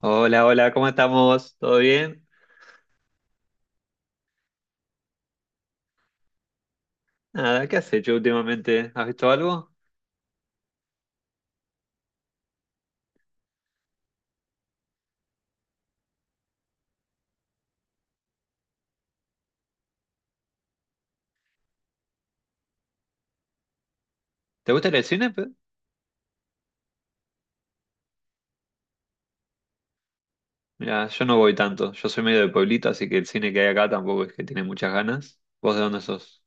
Hola, hola, ¿cómo estamos? ¿Todo bien? Nada, ¿qué has hecho últimamente? ¿Has visto algo? ¿Te gusta ir al cine? Pe? Mira, yo no voy tanto. Yo soy medio de pueblito, así que el cine que hay acá tampoco es que tiene muchas ganas. ¿Vos de dónde sos?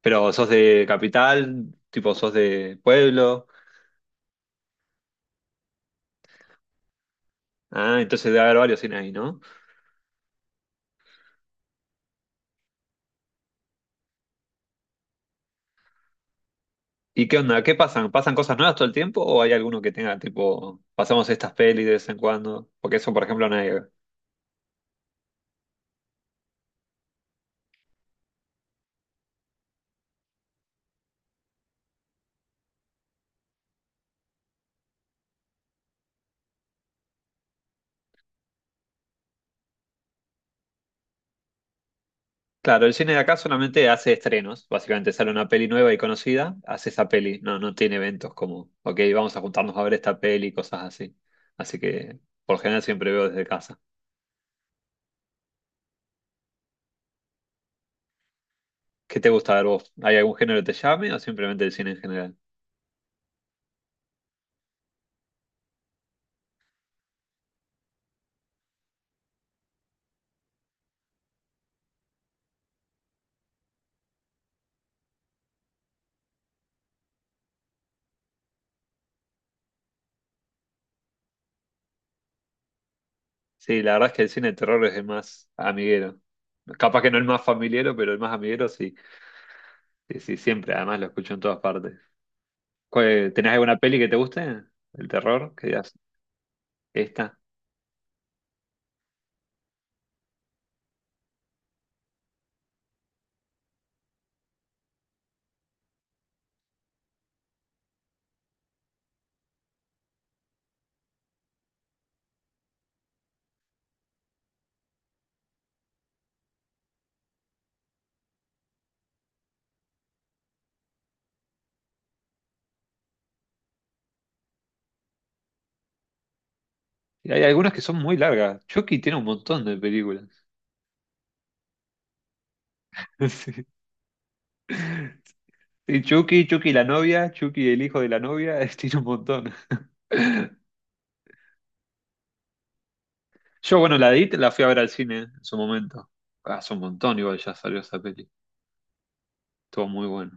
Pero sos de capital, tipo sos de pueblo. Ah, entonces debe haber varios cines ahí, ¿no? ¿Y qué onda? ¿Qué pasan? ¿Pasan cosas nuevas todo el tiempo o hay alguno que tenga, tipo, pasamos estas pelis de vez en cuando? Porque eso, por ejemplo, no hay. Claro, el cine de acá solamente hace estrenos. Básicamente sale una peli nueva y conocida, hace esa peli. No, no tiene eventos como, ok, vamos a juntarnos a ver esta peli, cosas así. Así que, por general, siempre veo desde casa. ¿Qué te gusta ver vos? ¿Hay algún género que te llame o simplemente el cine en general? Sí, la verdad es que el cine de terror es el más amiguero. Capaz que no el más familiero, pero el más amiguero sí. Sí, sí, siempre. Además lo escucho en todas partes. ¿Tenés alguna peli que te guste? ¿El terror? ¿Qué digas? Esta. Y hay algunas que son muy largas. Chucky tiene un montón de películas. Sí. Y Chucky, Chucky la novia, Chucky el hijo de la novia, tiene un montón. Yo, bueno, la It la fui a ver al cine en su momento. Hace un montón, igual ya salió esa peli. Estuvo muy bueno.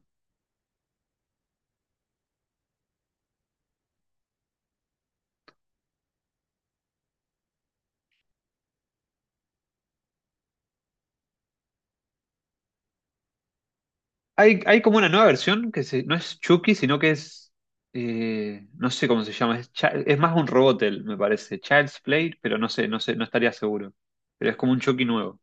Hay como una nueva versión no es Chucky, sino que es. No sé cómo se llama. Es, es más un robot, él, me parece. Child's Play, pero no sé, no sé, no estaría seguro. Pero es como un Chucky nuevo.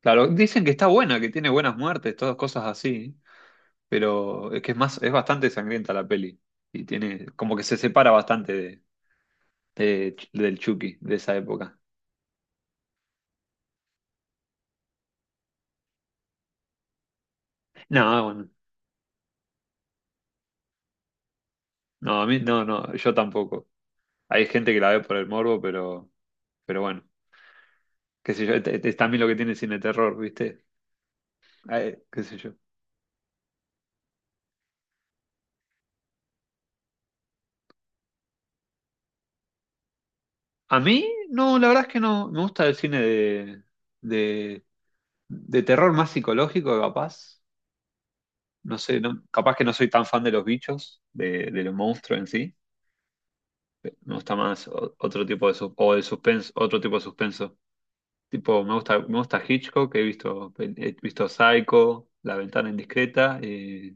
Claro, dicen que está buena, que tiene buenas muertes, todas cosas así. Pero es que es más, es bastante sangrienta la peli. Y tiene, como que se separa bastante de, del Chucky de esa época. No, bueno, no, a mí, no, no, yo tampoco. Hay gente que la ve por el morbo, pero bueno, qué sé yo, es también lo que tiene el cine de terror, ¿viste? Ay, qué sé yo. A mí, no, la verdad es que no, me gusta el cine de, de, de terror más psicológico, capaz. No sé, no, capaz que no soy tan fan de los bichos, de los monstruos en sí. Me gusta más otro tipo de o el suspenso, otro tipo de suspenso. Tipo, me gusta Hitchcock, he visto Psycho, La ventana indiscreta,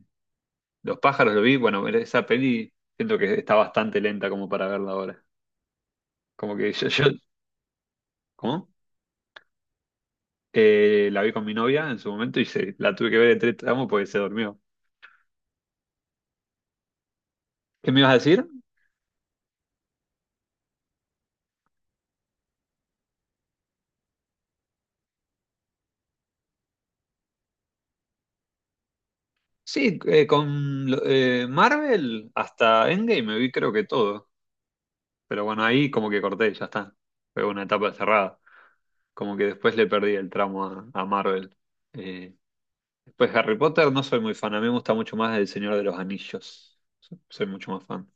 Los pájaros lo vi, bueno, esa peli siento que está bastante lenta como para verla ahora. Como que yo, ¿cómo? La vi con mi novia en su momento y se, la tuve que ver en tres tramos porque se durmió. ¿Qué me ibas a decir? Sí, con Marvel hasta Endgame me vi creo que todo. Pero bueno, ahí como que corté, ya está. Fue una etapa cerrada. Como que después le perdí el tramo a Marvel. Eh, Después Harry Potter no soy muy fan, a mí me gusta mucho más El Señor de los Anillos. Soy mucho más fan.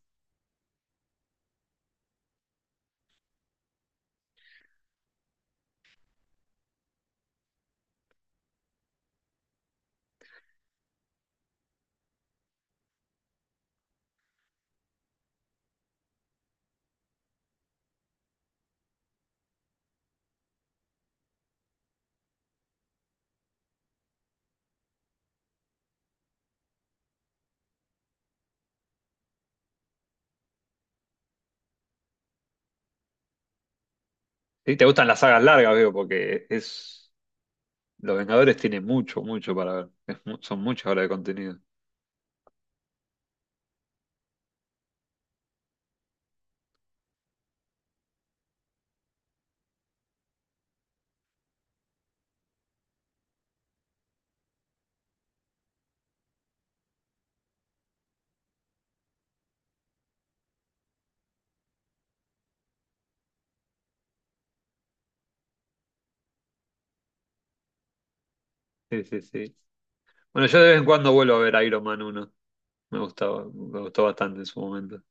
Sí, te gustan las sagas largas, veo, porque es Los Vengadores tiene mucho, mucho para ver. Es son muchas horas de contenido. Sí, sí, sí. Bueno, yo de vez en cuando vuelvo a ver Iron Man uno. Me gustaba, me gustó bastante en su momento.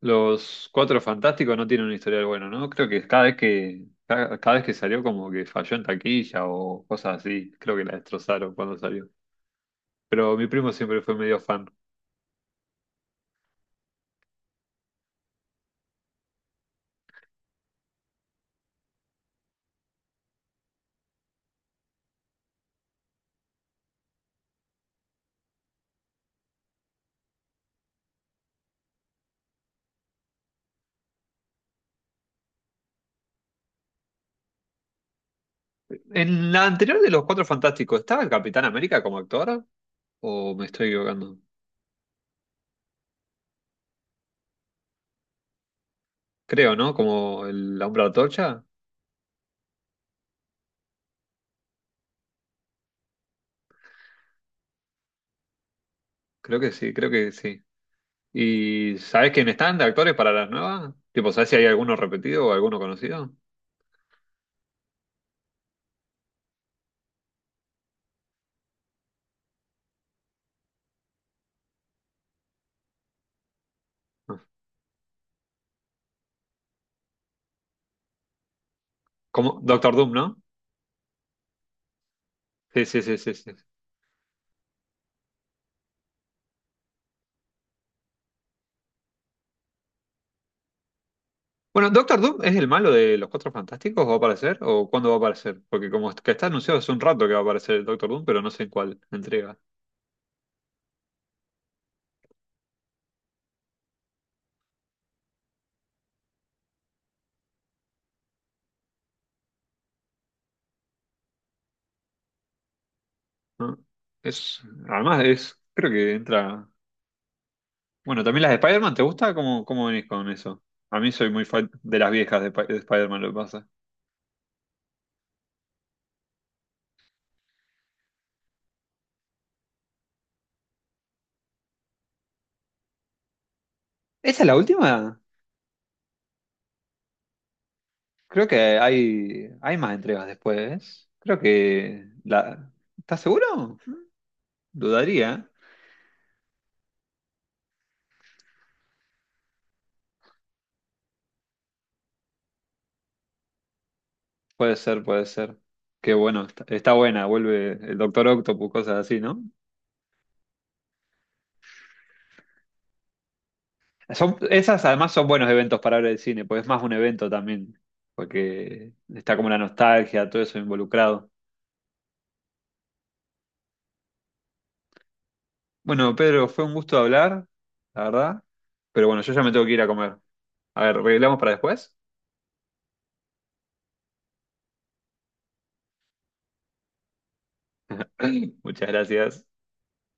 Los Cuatro Fantásticos no tienen un historial bueno, ¿no? Creo que cada vez que, cada, cada vez que salió como que falló en taquilla o cosas así, creo que la destrozaron cuando salió. Pero mi primo siempre fue medio fan. En la anterior de los Cuatro Fantásticos, ¿estaba el Capitán América como actor? ¿O me estoy equivocando? Creo, ¿no? Como el Hombre Antorcha. Creo que sí, creo que sí. ¿Y sabés quién están de actores para las nuevas? Tipo, ¿sabés si hay alguno repetido o alguno conocido? No. Como Doctor Doom, ¿no? Sí, sí, sí, sí, sí. Bueno, ¿Doctor Doom es el malo de los Cuatro Fantásticos? ¿Va a aparecer? ¿O cuándo va a aparecer? Porque como que está anunciado hace un rato que va a aparecer el Doctor Doom, pero no sé en cuál entrega. ¿No? Es, además es, creo que entra. Bueno, también las de Spider-Man, ¿te gusta? ¿Cómo, cómo venís con eso? A mí soy muy fan de las viejas de, de Spider-Man, lo que pasa. ¿Esa es la última? Creo que hay más entregas después. Creo que la, ¿estás seguro? Dudaría. Puede ser, puede ser. Qué bueno, está, está buena, vuelve el Doctor Octopus, cosas así, ¿no? Son, esas además son buenos eventos para hablar de cine, porque es más un evento también, porque está como la nostalgia, todo eso involucrado. Bueno, Pedro, fue un gusto hablar, la verdad, pero bueno, yo ya me tengo que ir a comer. A ver, ¿arreglamos para después? Muchas gracias.